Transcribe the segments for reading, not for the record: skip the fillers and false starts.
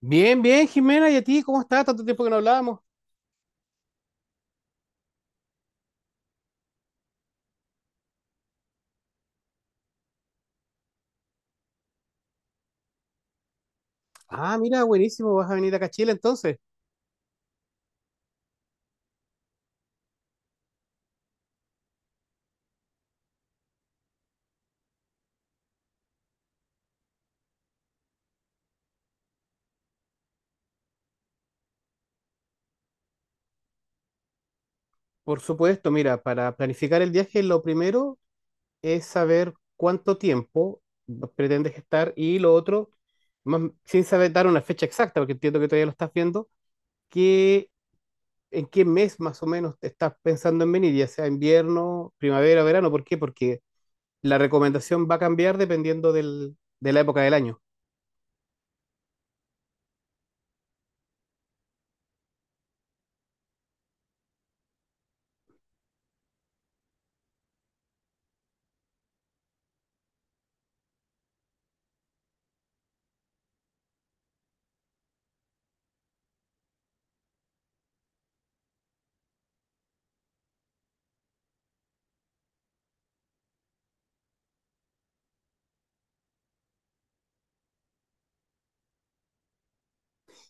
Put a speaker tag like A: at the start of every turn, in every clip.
A: Bien, bien, Jimena, ¿y a ti? ¿Cómo estás? Tanto tiempo que no hablábamos. Ah, mira, buenísimo, vas a venir acá a Chile entonces. Por supuesto, mira, para planificar el viaje, lo primero es saber cuánto tiempo pretendes estar y lo otro, más, sin saber dar una fecha exacta, porque entiendo que todavía lo estás viendo, que, ¿en qué mes más o menos te estás pensando en venir? Ya sea invierno, primavera, verano. ¿Por qué? Porque la recomendación va a cambiar dependiendo de la época del año.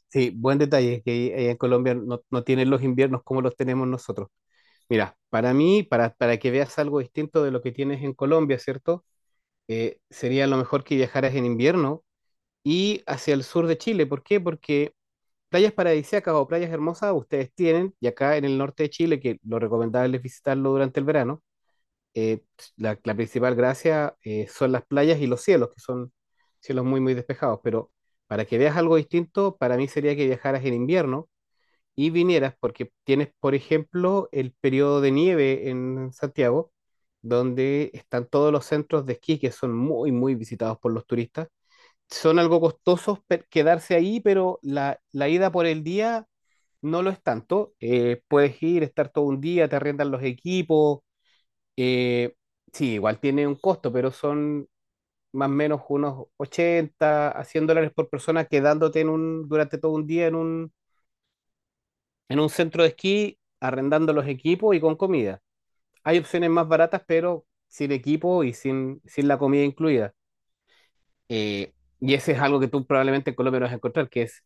A: Sí, buen detalle, que en Colombia no tienen los inviernos como los tenemos nosotros. Mira, para mí, para que veas algo distinto de lo que tienes en Colombia, ¿cierto? Sería lo mejor que viajaras en invierno y hacia el sur de Chile. ¿Por qué? Porque playas paradisíacas o playas hermosas ustedes tienen, y acá en el norte de Chile, que lo recomendable es visitarlo durante el verano, eh, la principal gracia son las playas y los cielos, que son cielos muy, muy despejados. Pero para que veas algo distinto, para mí sería que viajaras en invierno y vinieras, porque tienes, por ejemplo, el periodo de nieve en Santiago, donde están todos los centros de esquí que son muy, muy visitados por los turistas. Son algo costosos quedarse ahí, pero la ida por el día no lo es tanto. Puedes ir, estar todo un día, te arriendan los equipos. eh, sí, igual tiene un costo, pero son más o menos unos 80 a $100 por persona quedándote en un, durante todo un día en un centro de esquí, arrendando los equipos y con comida. Hay opciones más baratas, pero sin equipo y sin la comida incluida. Eh, y ese es algo que tú probablemente en Colombia no vas a encontrar, que es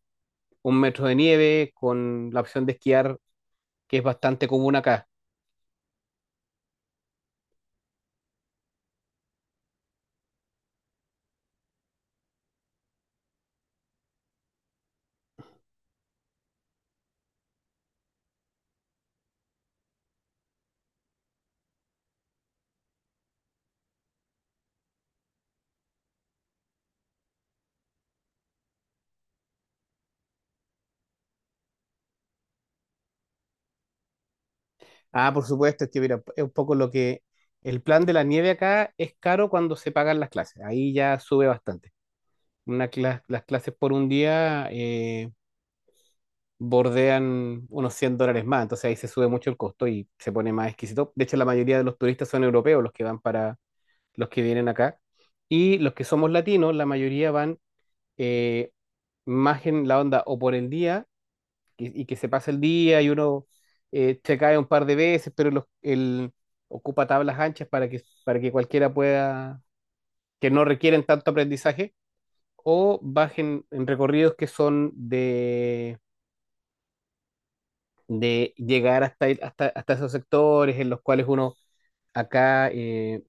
A: un metro de nieve con la opción de esquiar, que es bastante común acá. Ah, por supuesto, es que mira, es un poco lo que el plan de la nieve acá es caro cuando se pagan las clases. Ahí ya sube bastante. Las clases por un día bordean unos $100 más. Entonces ahí se sube mucho el costo y se pone más exquisito. De hecho, la mayoría de los turistas son europeos los que van para los que vienen acá. Y los que somos latinos, la mayoría van eh, más en la onda o por el día y que se pasa el día y uno se cae un par de veces, pero ocupa tablas anchas para que cualquiera pueda, que no requieren tanto aprendizaje, o bajen en recorridos que son de llegar hasta esos sectores en los cuales uno acá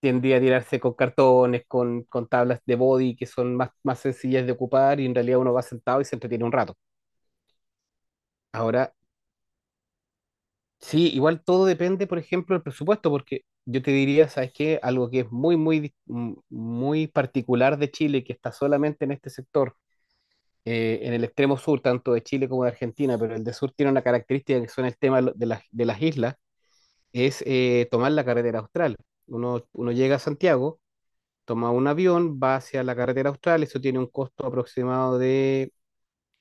A: tiende a tirarse con cartones, con tablas de body que son más sencillas de ocupar y en realidad uno va sentado y se entretiene un rato. Ahora, sí, igual todo depende, por ejemplo, del presupuesto, porque yo te diría, ¿sabes qué? Algo que es muy, muy, muy particular de Chile, que está solamente en este sector, en el extremo sur, tanto de Chile como de Argentina, pero el de sur tiene una característica que son el tema de de de las islas, es tomar la carretera austral. Uno llega a Santiago, toma un avión, va hacia la carretera austral, eso tiene un costo aproximado de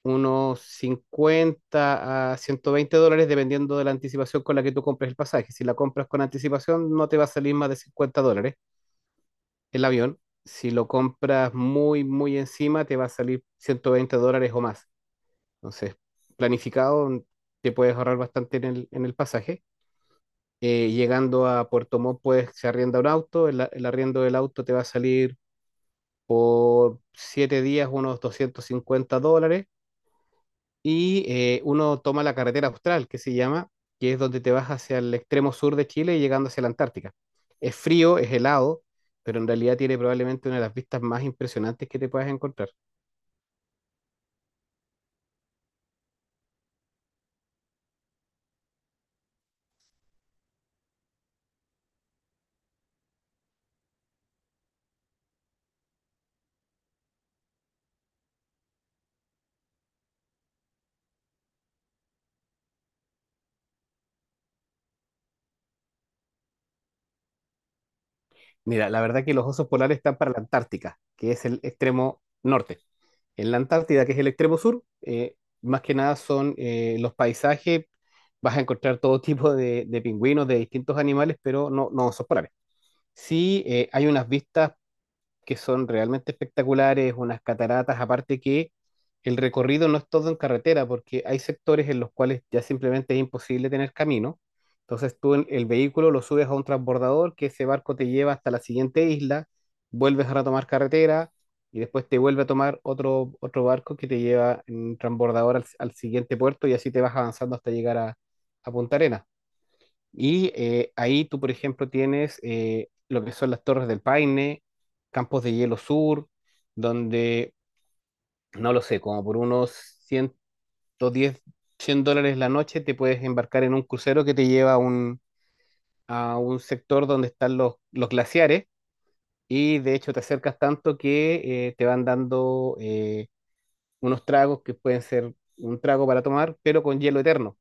A: unos 50 a $120 dependiendo de la anticipación con la que tú compres el pasaje. Si la compras con anticipación no te va a salir más de $50 el avión. Si lo compras muy, muy encima te va a salir $120 o más. Entonces, planificado te puedes ahorrar bastante en en el pasaje. Llegando a Puerto Montt, pues se arrienda un auto, el arriendo del auto te va a salir por 7 días unos $250 y uno toma la carretera austral, que se llama, que es donde te vas hacia el extremo sur de Chile y llegando hacia la Antártica. Es frío, es helado, pero en realidad tiene probablemente una de las vistas más impresionantes que te puedas encontrar. Mira, la verdad que los osos polares están para la Antártica, que es el extremo norte. En la Antártida, que es el extremo sur, más que nada son los paisajes, vas a encontrar todo tipo de pingüinos, de distintos animales, pero no osos polares. Sí, hay unas vistas que son realmente espectaculares, unas cataratas, aparte que el recorrido no es todo en carretera, porque hay sectores en los cuales ya simplemente es imposible tener camino. Entonces el vehículo lo subes a un transbordador, que ese barco te lleva hasta la siguiente isla, vuelves a retomar carretera y después te vuelve a tomar otro, otro barco que te lleva en transbordador al siguiente puerto y así te vas avanzando hasta llegar a Punta Arenas. Y ahí tú, por ejemplo, tienes lo que son las Torres del Paine, Campos de Hielo Sur, donde, no lo sé, como por unos $110 $100 la noche te puedes embarcar en un crucero que te lleva a un sector donde están los glaciares y de hecho te acercas tanto que te van dando unos tragos que pueden ser un trago para tomar, pero con hielo eterno.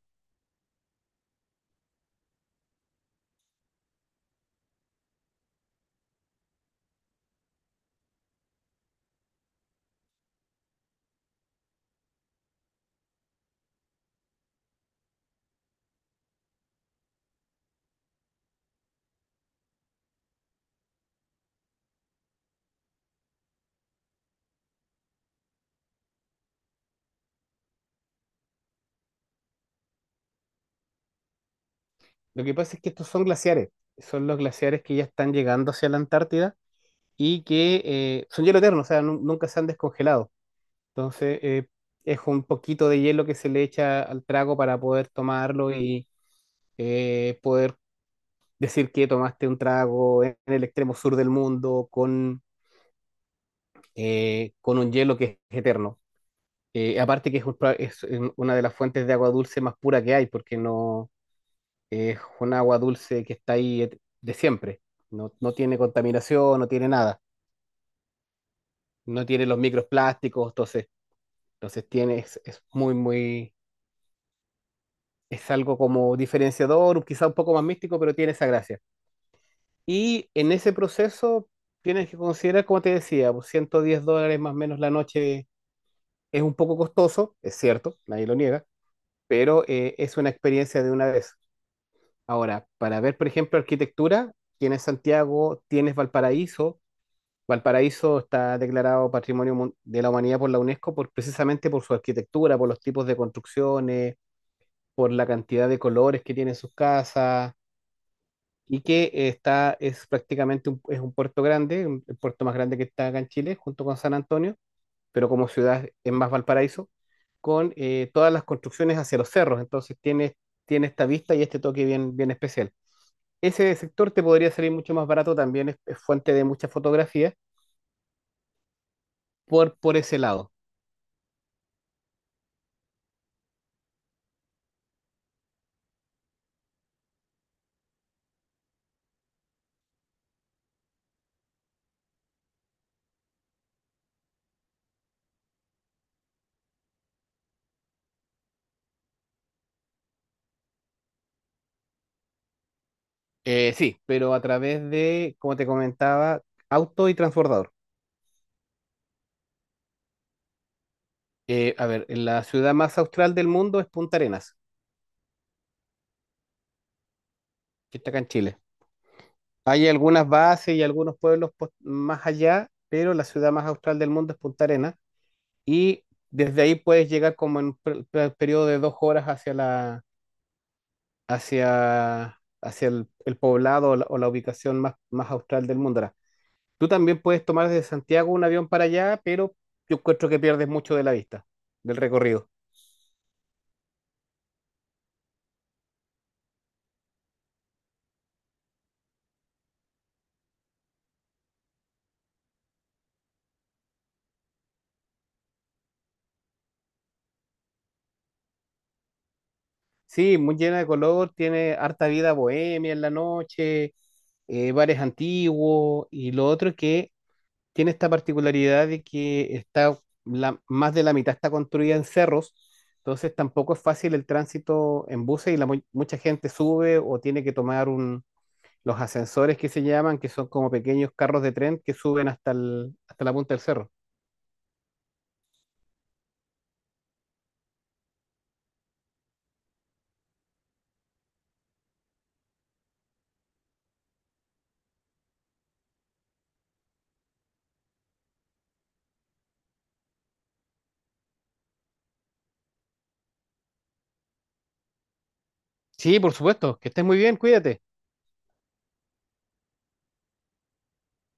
A: Lo que pasa es que estos son glaciares, son los glaciares que ya están llegando hacia la Antártida y que son hielo eterno, o sea, nunca se han descongelado. Entonces, es un poquito de hielo que se le echa al trago para poder tomarlo y poder decir que tomaste un trago en el extremo sur del mundo con un hielo que es eterno. Aparte que es, es una de las fuentes de agua dulce más pura que hay, porque no es un agua dulce que está ahí de siempre. No tiene contaminación, no tiene nada, no tiene los microplásticos, Entonces tienes es, muy, muy, es algo como diferenciador, quizá un poco más místico, pero tiene esa gracia. Y en ese proceso tienes que considerar, como te decía, pues, $110 más o menos la noche es un poco costoso, es cierto, nadie lo niega, pero es una experiencia de una vez. Ahora, para ver, por ejemplo, arquitectura, tienes Santiago, tienes Valparaíso. Valparaíso está declarado Patrimonio de la Humanidad por la UNESCO por, precisamente por su arquitectura, por los tipos de construcciones por la cantidad de colores que tiene sus casas y que está, es prácticamente un, es un puerto grande, el puerto más grande que está acá en Chile, junto con San Antonio, pero como ciudad es más Valparaíso, con todas las construcciones hacia los cerros, entonces tiene, tiene esta vista y este toque bien, bien especial. Ese sector te podría salir mucho más barato, también es fuente de muchas fotografías por ese lado. Sí, pero a través de, como te comentaba, auto y transbordador. A ver, la ciudad más austral del mundo es Punta Arenas, que está acá en Chile. Hay algunas bases y algunos pueblos más allá, pero la ciudad más austral del mundo es Punta Arenas. Y desde ahí puedes llegar como en un periodo de 2 horas hacia hacia, hacia el poblado o o la ubicación más, más austral del mundo. Ahora, tú también puedes tomar desde Santiago un avión para allá, pero yo encuentro que pierdes mucho de la vista, del recorrido. Sí, muy llena de color, tiene harta vida bohemia en la noche, bares antiguos y lo otro es que tiene esta particularidad de que está más de la mitad está construida en cerros, entonces tampoco es fácil el tránsito en buses y mucha gente sube o tiene que tomar un, los ascensores que se llaman, que son como pequeños carros de tren que suben hasta hasta la punta del cerro. Sí, por supuesto, que estés muy bien, cuídate.